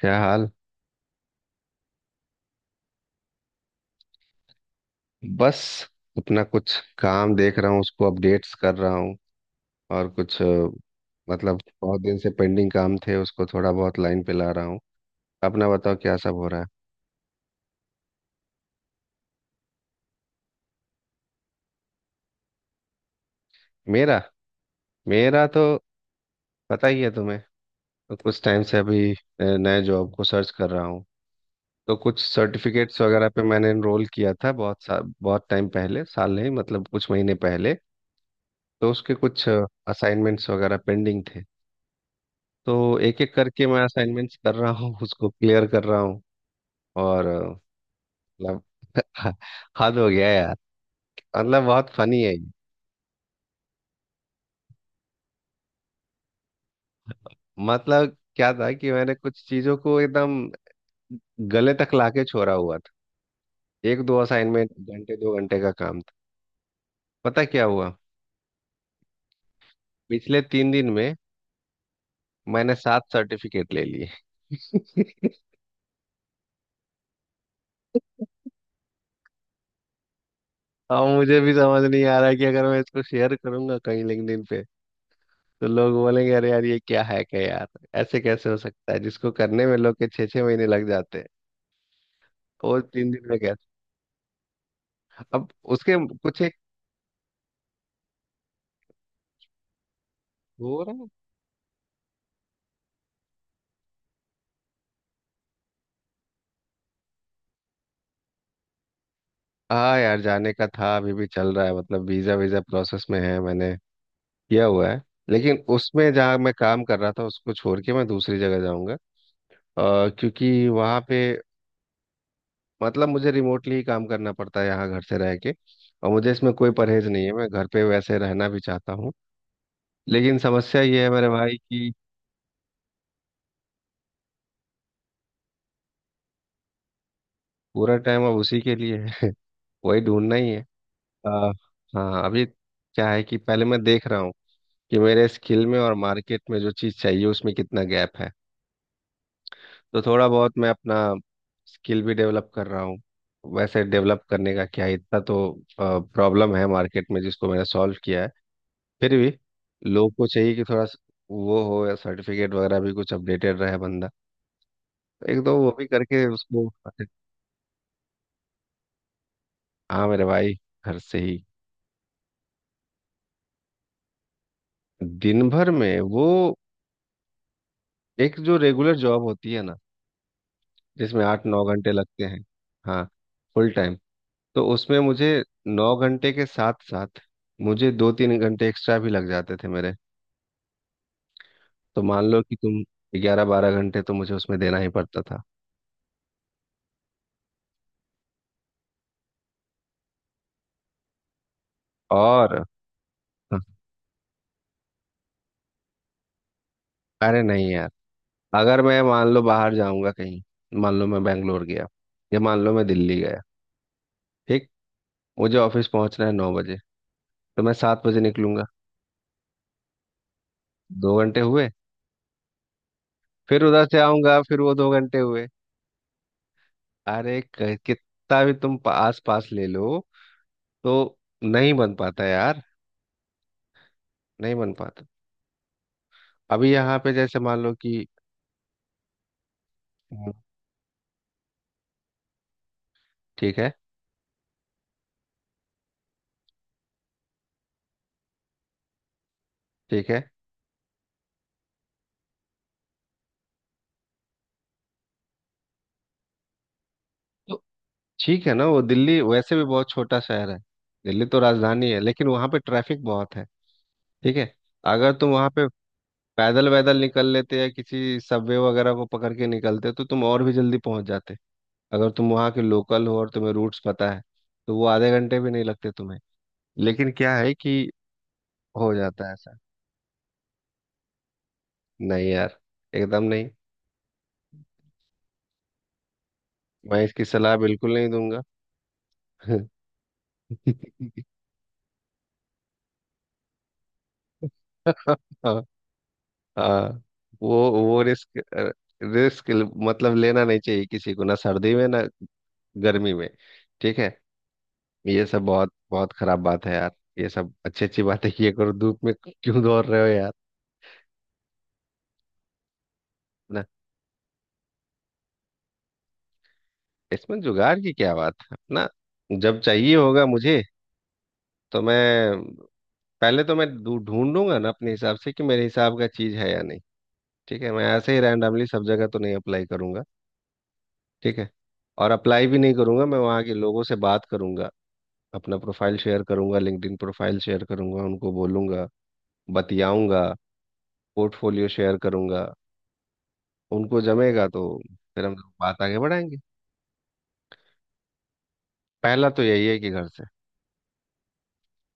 क्या हाल। बस, अपना कुछ काम देख रहा हूँ, उसको अपडेट्स कर रहा हूँ। और कुछ मतलब बहुत दिन से पेंडिंग काम थे, उसको थोड़ा बहुत लाइन पे ला रहा हूँ। अपना बताओ, क्या सब हो रहा है? मेरा मेरा तो पता ही है तुम्हें। तो कुछ टाइम से अभी नए जॉब को सर्च कर रहा हूँ। तो कुछ सर्टिफिकेट्स वगैरह पे मैंने एनरोल किया था, बहुत टाइम पहले, साल नहीं मतलब कुछ महीने पहले। तो उसके कुछ असाइनमेंट्स वगैरह पेंडिंग थे। तो एक एक करके मैं असाइनमेंट्स कर रहा हूँ, उसको क्लियर कर रहा हूँ। और मतलब हद हो गया यार। मतलब बहुत फनी है ये। मतलब क्या था कि मैंने कुछ चीज़ों को एकदम गले तक लाके छोड़ा हुआ था। एक दो असाइनमेंट घंटे 2 घंटे का काम था। पता क्या हुआ? पिछले 3 दिन में मैंने सात सर्टिफिकेट ले लिए। और मुझे भी समझ नहीं आ रहा है कि अगर मैं इसको शेयर करूंगा कहीं लिंक्डइन पे, तो लोग बोलेंगे अरे यार ये क्या हैक है यार। ऐसे कैसे हो सकता है, जिसको करने में लोग के छः छः महीने लग जाते हैं वो 3 दिन में कैसे? अब उसके कुछ एक हो रहा है। हाँ यार, जाने का था, अभी भी चल रहा है। मतलब वीज़ा वीज़ा प्रोसेस में है, मैंने किया हुआ है। लेकिन उसमें जहाँ मैं काम कर रहा था, उसको छोड़ के मैं दूसरी जगह जाऊँगा। क्योंकि वहाँ पे मतलब मुझे रिमोटली ही काम करना पड़ता है, यहाँ घर से रह के। और मुझे इसमें कोई परहेज नहीं है, मैं घर पे वैसे रहना भी चाहता हूँ। लेकिन समस्या ये है मेरे भाई कि पूरा टाइम अब उसी के लिए है। वही ढूंढना ही है। आ, हाँ, अभी क्या है कि पहले मैं देख रहा हूँ कि मेरे स्किल में और मार्केट में जो चीज़ चाहिए उसमें कितना गैप है। तो थोड़ा बहुत मैं अपना स्किल भी डेवलप कर रहा हूँ। वैसे डेवलप करने का क्या है, इतना तो प्रॉब्लम है मार्केट में जिसको मैंने सॉल्व किया है। फिर भी लोग को चाहिए कि थोड़ा वो हो, या सर्टिफिकेट वगैरह भी कुछ अपडेटेड रहे बंदा। तो एक दो वो भी करके उसको। हाँ मेरे भाई, घर से ही। दिन भर में वो एक जो रेगुलर जॉब होती है ना, जिसमें 8-9 घंटे लगते हैं। हाँ, फुल टाइम। तो उसमें मुझे 9 घंटे के साथ साथ मुझे 2-3 घंटे एक्स्ट्रा भी लग जाते थे मेरे। तो मान लो कि तुम 11-12 घंटे तो मुझे उसमें देना ही पड़ता था। और अरे नहीं यार। अगर मैं मान लो बाहर जाऊंगा कहीं, मान लो मैं बैंगलोर गया, या मान लो मैं दिल्ली गया। ठीक। मुझे ऑफिस पहुंचना है 9 बजे। तो मैं 7 बजे निकलूंगा। 2 घंटे हुए। फिर उधर से आऊंगा फिर वो 2 घंटे हुए। अरे कितना भी तुम आस पास ले लो, तो नहीं बन पाता यार। नहीं बन पाता। अभी यहाँ पे जैसे मान लो कि, हम्म, ठीक है, ठीक है। तो ठीक है ना, वो दिल्ली वैसे भी बहुत छोटा शहर है। दिल्ली तो राजधानी है लेकिन वहाँ पे ट्रैफिक बहुत है। ठीक है। अगर तुम वहाँ पे पैदल वैदल निकल लेते या किसी सबवे वगैरह को पकड़ के निकलते तो तुम और भी जल्दी पहुंच जाते। अगर तुम वहाँ के लोकल हो और तुम्हें रूट्स पता है तो वो आधे घंटे भी नहीं लगते तुम्हें। लेकिन क्या है कि हो जाता है। नहीं यार, एकदम नहीं। मैं इसकी सलाह बिल्कुल नहीं दूंगा। हाँ हाँ, वो रिस्क, रिस्क मतलब लेना नहीं चाहिए किसी को, ना सर्दी में ना गर्मी में। ठीक है। ये सब बहुत बहुत खराब बात है यार। ये सब अच्छी अच्छी बातें किए करो, धूप में क्यों दौड़ रहे हो यार। ना, इसमें जुगाड़ की क्या बात है ना। जब चाहिए होगा मुझे, तो मैं पहले तो मैं ढूंढूंगा ना अपने हिसाब से कि मेरे हिसाब का चीज है या नहीं। ठीक है, मैं ऐसे ही रैंडमली सब जगह तो नहीं अप्लाई करूंगा। ठीक है। और अप्लाई भी नहीं करूंगा, मैं वहाँ के लोगों से बात करूंगा। अपना प्रोफाइल शेयर करूंगा, लिंक्डइन प्रोफाइल शेयर करूंगा, उनको बोलूंगा, बतियाऊंगा, पोर्टफोलियो शेयर करूंगा। उनको जमेगा तो फिर हम लोग बात आगे बढ़ाएंगे। पहला तो यही है कि घर से।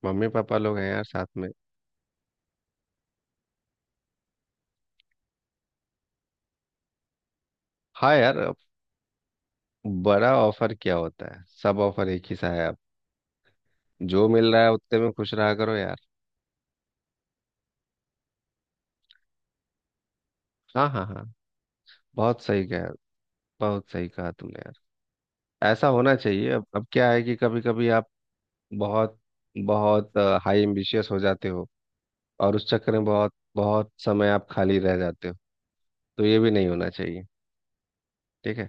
मम्मी पापा लोग हैं यार साथ में। हाँ यार, अब बड़ा ऑफर क्या होता है, सब ऑफर एक ही सा है अब। जो मिल रहा है उतने में खुश रहा करो यार। हाँ हाँ हाँ, बहुत सही कहा। बहुत सही कहा तुमने यार। ऐसा होना चाहिए। अब क्या है कि कभी कभी आप बहुत बहुत हाई एम्बिशियस हो जाते हो, और उस चक्कर में बहुत बहुत समय आप खाली रह जाते हो। तो ये भी नहीं होना चाहिए। ठीक है।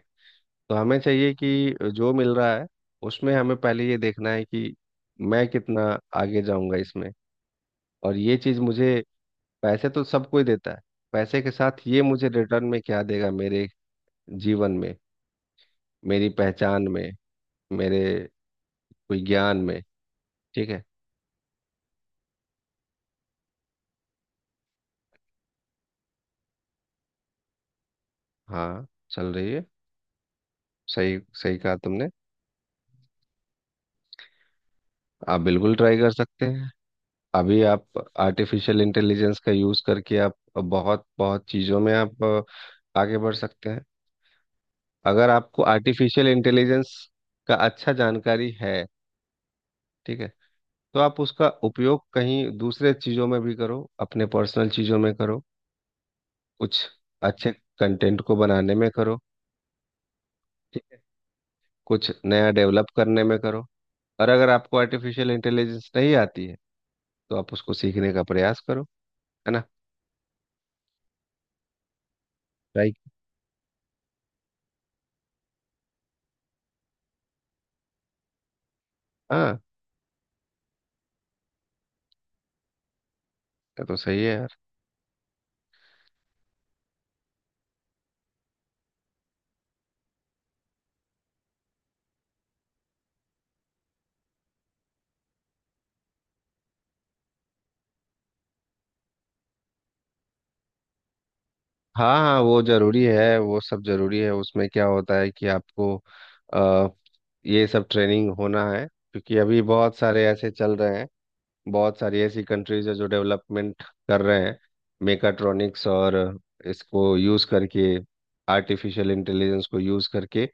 तो हमें चाहिए कि जो मिल रहा है उसमें हमें पहले ये देखना है कि मैं कितना आगे जाऊंगा इसमें, और ये चीज़ मुझे। पैसे तो सब कोई देता है। पैसे के साथ ये मुझे रिटर्न में क्या देगा, मेरे जीवन में, मेरी पहचान में, मेरे कोई ज्ञान में। ठीक है। हाँ, चल रही है, सही सही कहा तुमने। आप बिल्कुल ट्राई कर सकते हैं। अभी आप आर्टिफिशियल इंटेलिजेंस का यूज़ करके आप बहुत बहुत चीज़ों में आप आगे बढ़ सकते हैं। अगर आपको आर्टिफिशियल इंटेलिजेंस का अच्छा जानकारी है, ठीक है, तो आप उसका उपयोग कहीं दूसरे चीज़ों में भी करो, अपने पर्सनल चीज़ों में करो, कुछ अच्छे कंटेंट को बनाने में करो। ठीक है। कुछ नया डेवलप करने में करो। और अगर आपको आर्टिफिशियल इंटेलिजेंस नहीं आती है तो आप उसको सीखने का प्रयास करो, है ना। ट्राई। हाँ, ये तो सही है यार। हाँ हाँ, वो जरूरी है, वो सब जरूरी है। उसमें क्या होता है कि आपको अ, ये सब ट्रेनिंग होना है क्योंकि अभी बहुत सारे ऐसे चल रहे हैं। बहुत सारी ऐसी कंट्रीज है जो डेवलपमेंट कर रहे हैं। मेकाट्रॉनिक्स, और इसको यूज करके, आर्टिफिशियल इंटेलिजेंस को यूज करके,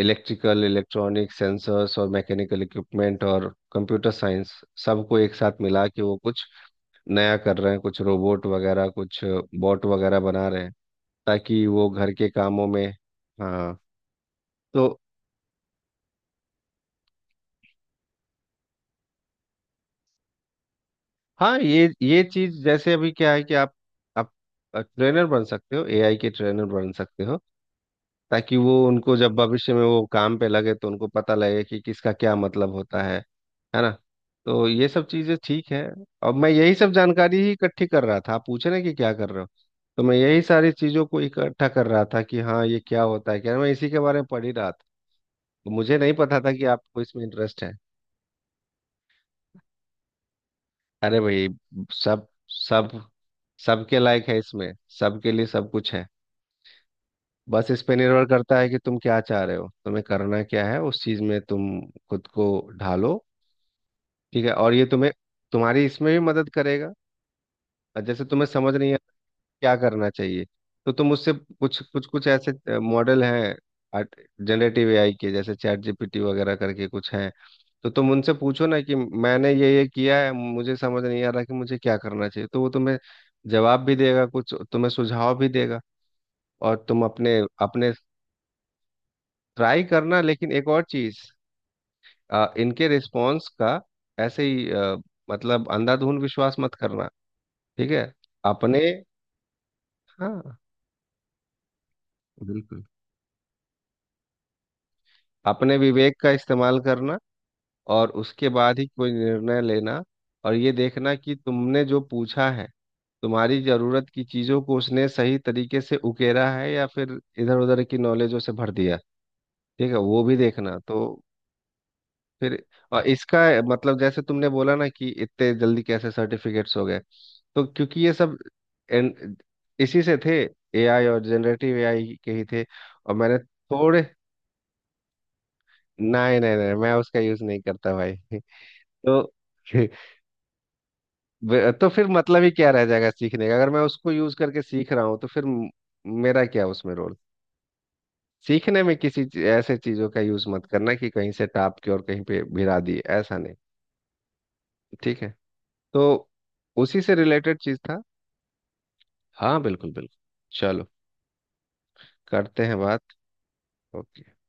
इलेक्ट्रिकल इलेक्ट्रॉनिक सेंसर्स और मैकेनिकल इक्विपमेंट और कंप्यूटर साइंस सबको एक साथ मिला के वो कुछ नया कर रहे हैं, कुछ रोबोट वगैरह कुछ बॉट वगैरह बना रहे हैं, ताकि वो घर के कामों में। हाँ, तो हाँ, ये चीज जैसे अभी क्या है कि आप ट्रेनर बन सकते हो, एआई के ट्रेनर बन सकते हो। ताकि वो उनको जब भविष्य में वो काम पे लगे तो उनको पता लगे कि किसका क्या मतलब होता है ना। तो ये सब चीजें ठीक है। अब मैं यही सब जानकारी ही इकट्ठी कर रहा था। आप पूछ रहे हैं कि क्या कर रहे हो, तो मैं यही सारी चीजों को इकट्ठा कर रहा था कि हाँ ये क्या होता है, क्या मैं इसी के बारे में पढ़ ही रहा था। तो मुझे नहीं पता था कि आपको इसमें इंटरेस्ट है। अरे भाई, सब सब सबके लायक है इसमें। सबके लिए सब कुछ है। बस इस पे निर्भर करता है कि तुम क्या चाह रहे हो, तुम्हें करना क्या है, उस चीज में तुम खुद को ढालो। ठीक है। और ये तुम्हें, तुम्हारी इसमें भी मदद करेगा। और जैसे तुम्हें समझ नहीं आता क्या करना चाहिए, तो तुम उससे कुछ कुछ कुछ ऐसे मॉडल हैं जनरेटिव एआई के, जैसे चैट जीपीटी वगैरह करके कुछ हैं। तो तुम उनसे पूछो ना कि मैंने ये किया है, मुझे समझ नहीं आ रहा कि मुझे क्या करना चाहिए, तो वो तुम्हें जवाब भी देगा, कुछ तुम्हें सुझाव भी देगा। और तुम अपने अपने ट्राई करना। लेकिन एक और चीज, इनके रिस्पॉन्स का ऐसे ही मतलब अंधाधुंध विश्वास मत करना। ठीक है। अपने हाँ, बिल्कुल, अपने विवेक का इस्तेमाल करना और उसके बाद ही कोई निर्णय लेना। और ये देखना कि तुमने जो पूछा है, तुम्हारी जरूरत की चीजों को उसने सही तरीके से उकेरा है या फिर इधर उधर की नॉलेजों से भर दिया। ठीक है, वो भी देखना। तो फिर, और इसका मतलब, जैसे तुमने बोला ना कि इतने जल्दी कैसे सर्टिफिकेट्स हो गए, तो क्योंकि ये सब एन- इसी से थे। एआई और जनरेटिव एआई के ही थे। और मैंने थोड़े, नहीं नहीं नहीं, मैं उसका यूज नहीं करता भाई। तो तो फिर मतलब ही क्या रह जाएगा सीखने का, अगर मैं उसको यूज करके सीख रहा हूँ, तो फिर मेरा क्या उसमें रोल। सीखने में किसी ऐसे चीजों का यूज मत करना कि कहीं से टाप के और कहीं पे भिरा दिए, ऐसा नहीं। ठीक है। तो उसी से रिलेटेड चीज था। हाँ बिल्कुल बिल्कुल। चलो, करते हैं बात। ओके।